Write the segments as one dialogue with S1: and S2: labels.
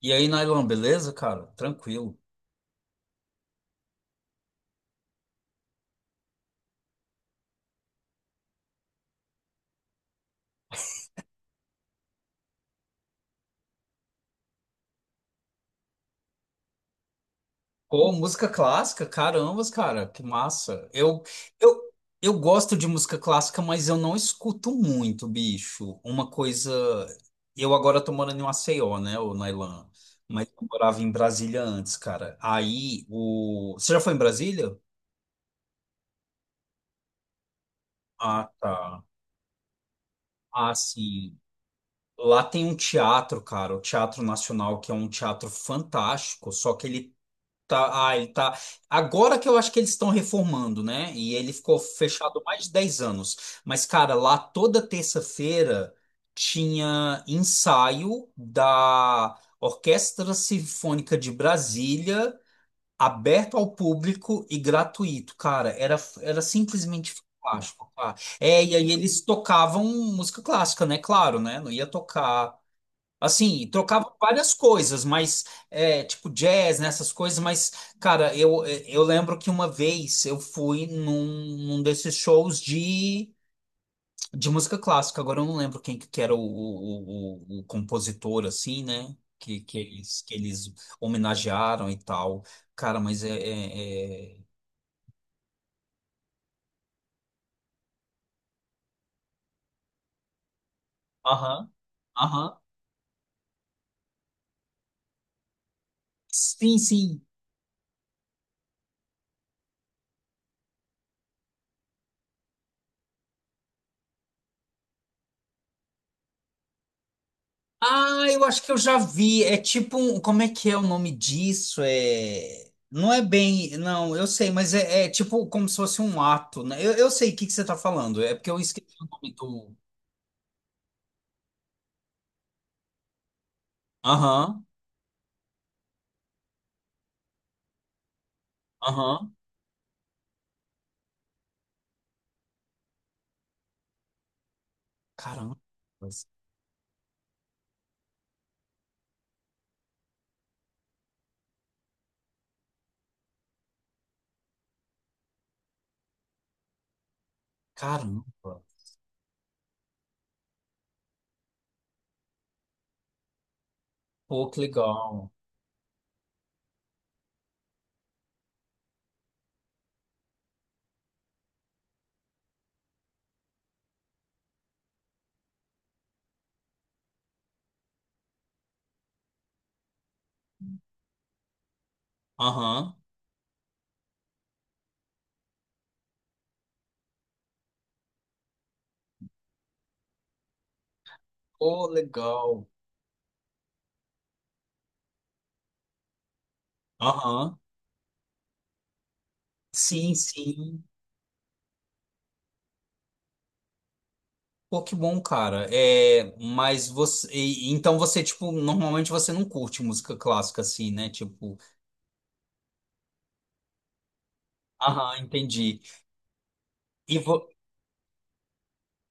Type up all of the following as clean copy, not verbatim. S1: E aí, Nylon, beleza, cara? Tranquilo. Pô, música clássica, carambas, cara, que massa. Eu, eu gosto de música clássica, mas eu não escuto muito, bicho. Uma coisa. Eu agora tô morando em Maceió, né, ô Nailan? Mas eu morava em Brasília antes, cara. Aí, o. Você já foi em Brasília? Ah, tá. Ah, sim. Lá tem um teatro, cara, o Teatro Nacional, que é um teatro fantástico, só que ele tá, ele tá. Agora que eu acho que eles estão reformando, né? E ele ficou fechado mais de 10 anos. Mas, cara, lá toda terça-feira tinha ensaio da Orquestra Sinfônica de Brasília, aberto ao público e gratuito. Cara, era simplesmente fantástico, cara. É, e aí eles tocavam música clássica, né? Claro, né? Não ia tocar. Assim, trocava várias coisas, mas é, tipo jazz, né, essas coisas, mas, cara, eu lembro que uma vez eu fui num desses shows de música clássica, agora eu não lembro quem que era o compositor, assim, né? Que eles homenagearam e tal. Cara, mas é. Aham, aham. Sim, sim. Ah, eu acho que eu já vi. É tipo um. Como é que é o nome disso? É. Não é bem. Não, eu sei, mas é, é tipo como se fosse um ato, né? Eu sei o que que você tá falando. É porque eu esqueci o nome do. Aham, aham. Caramba. Caramba. Pô, que legal. Aham. Pô, legal. Aham. Sim, sim. Pô, que bom, cara. É, mas você. Então você, tipo, normalmente você não curte música clássica assim, né? Tipo. Aham, entendi. E vo...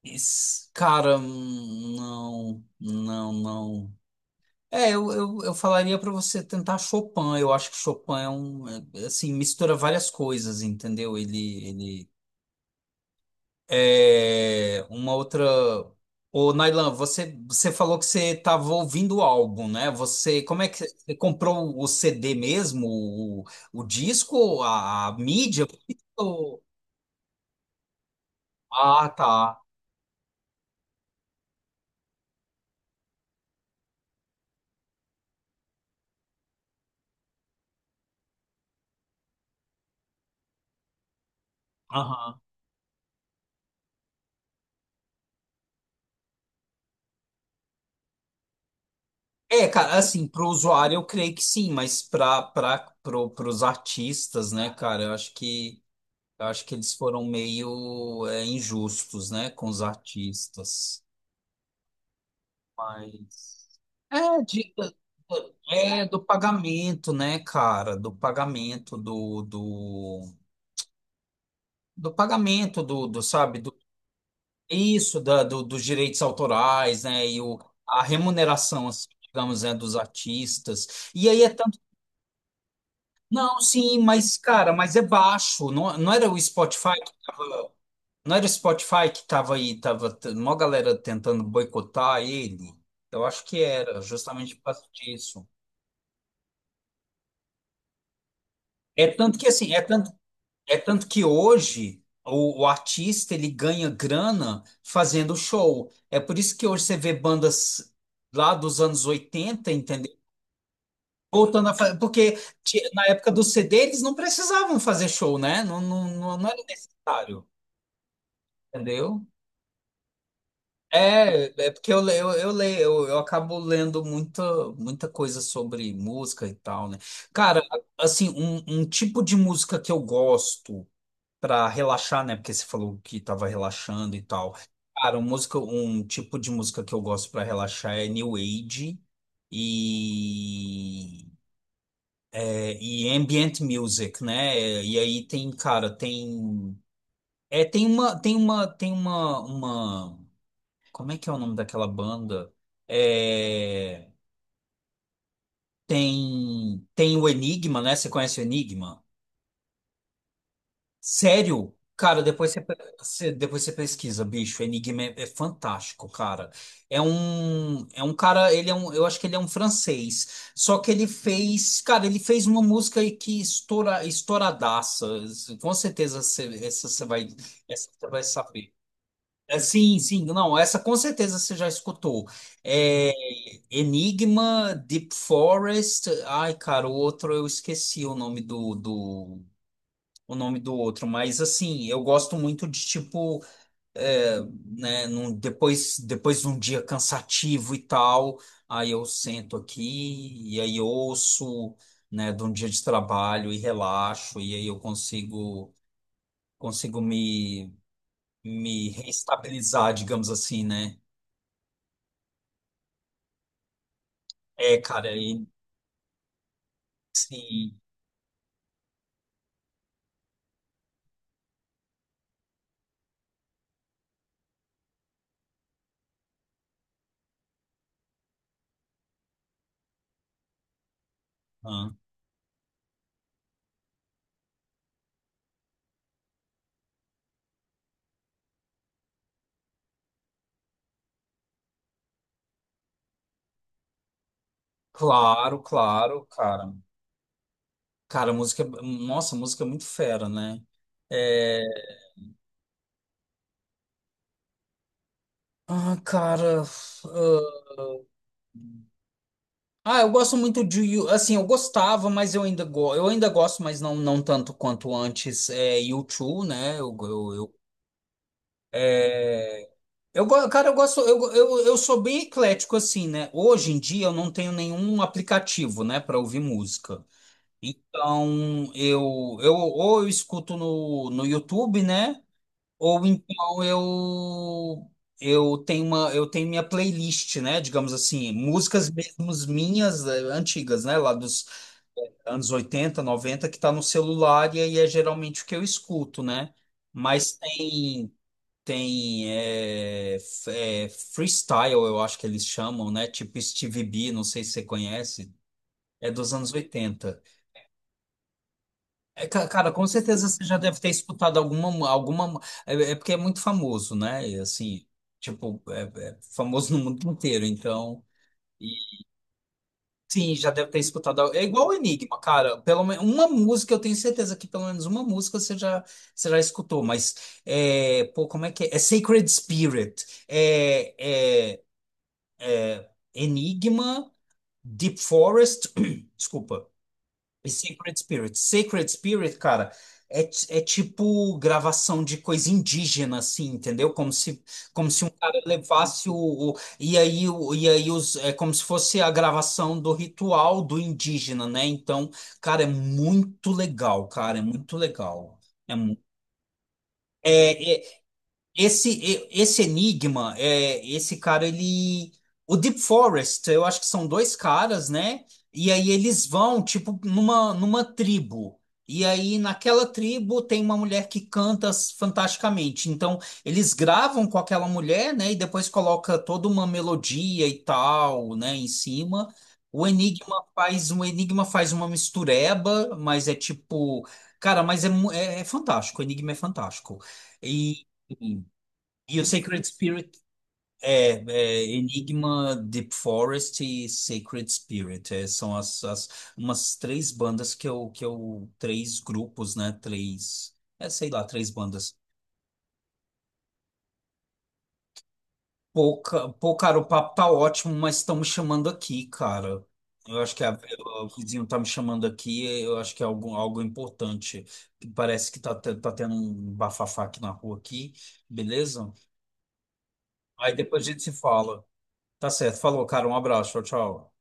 S1: Cara, não, não, não. É, eu falaria para você tentar Chopin. Eu acho que Chopin é um, é, assim, mistura várias coisas, entendeu? Ele é uma outra. Ô, Nailan, você falou que você estava ouvindo o álbum, né? Você, como é que você comprou o CD mesmo, o disco, a mídia? Ou- Ah, tá. Aham. É, cara, assim, pro usuário eu creio que sim, mas pros artistas, né, cara, eu acho que eles foram meio injustos, né, com os artistas. Mas. É, de, é do pagamento, né, cara? Do pagamento do, sabe, do, isso, da, do, dos direitos autorais, né? E a remuneração, assim, digamos, né, dos artistas. E aí é Não, sim, mas, cara, mas é baixo. Não, não era o Spotify que tava. Não era o Spotify que tava aí, tava mó galera tentando boicotar ele. Eu acho que era, justamente por causa disso. É tanto que assim, é tanto que hoje o artista ele ganha grana fazendo show. É por isso que hoje você vê bandas lá dos anos 80, entendeu? Voltando a fazer, porque na época do CD eles não precisavam fazer show, né? Não, não, não era necessário. Entendeu? É porque eu leio, eu acabo lendo muita, muita coisa sobre música e tal, né? Cara, assim, um tipo de música que eu gosto pra relaxar, né? Porque você falou que tava relaxando e tal. Cara, um tipo de música que eu gosto pra relaxar é New Age e, e Ambient Music, né? E aí tem, cara, tem. É, tem uma Como é que é o nome daquela banda? É, tem o Enigma, né? Você conhece o Enigma? Sério? Cara, depois você, depois você pesquisa, bicho. O Enigma é fantástico, cara. É um cara, eu acho que ele é um francês. Só que ele fez, cara, ele fez uma música aí que estouradaça. Com certeza você, essa você vai saber. É, sim, sim, não, essa com certeza você já escutou. É, Enigma, Deep Forest, ai, cara, o outro eu esqueci o nome o nome do outro, mas assim, eu gosto muito de tipo, é, né, depois de um dia cansativo e tal, aí eu sento aqui e aí ouço, né, de um dia de trabalho e relaxo, e aí eu consigo, consigo me, me reestabilizar, digamos assim, né? É, cara, e sim. ah, Claro, claro, cara. Cara, música. Nossa, música é muito fera, né? É, cara. Ah, eu gosto muito de assim, eu gostava, mas eu ainda gosto, mas não tanto quanto antes. É U2, né? Cara, eu gosto, eu sou bem eclético assim, né? Hoje em dia eu não tenho nenhum aplicativo, né, para ouvir música. Então, eu escuto no YouTube, né? Ou então eu tenho minha playlist, né? Digamos assim, músicas mesmo minhas antigas, né? Lá dos anos 80 90 que tá no celular e aí é geralmente o que eu escuto, né? Mas tem freestyle, eu acho que eles chamam, né? Tipo Stevie B, não sei se você conhece, é dos anos 80. É, cara, com certeza você já deve ter escutado é porque é muito famoso, né? E, assim, tipo, é famoso no mundo inteiro, então, e, sim, já deve ter escutado. É igual o Enigma, cara. Pelo menos uma música, eu tenho certeza que pelo menos uma música você já escutou, mas é, pô, como é que é? É Sacred Spirit, é Enigma, Deep Forest, desculpa. E Sacred Spirit. Sacred Spirit, cara, é tipo gravação de coisa indígena, assim, entendeu? Como se um cara levasse é como se fosse a gravação do ritual do indígena, né? Então, cara, é muito legal, cara, é muito legal. É, mu- é, é, esse Enigma, esse cara, ele. O Deep Forest, eu acho que são dois caras, né? E aí eles vão, tipo, numa tribo. E aí naquela tribo tem uma mulher que canta fantasticamente. Então eles gravam com aquela mulher, né? E depois coloca toda uma melodia e tal, né? Em cima. O Enigma faz uma mistureba, mas é tipo. Cara, mas é fantástico. O Enigma é fantástico. E. E o Sacred Spirit é Enigma, Deep Forest e Sacred Spirit. É, são as, as umas três bandas que eu, que eu. Três grupos, né? Três. É, sei lá, três bandas. Pô, cara, o papo tá ótimo, mas estão me chamando aqui, cara. Eu acho que o vizinho tá me chamando aqui, eu acho que é algo importante. Parece que tá tendo um bafafá aqui na rua aqui, beleza? Aí depois a gente se fala. Tá certo. Falou, cara. Um abraço. Tchau, tchau.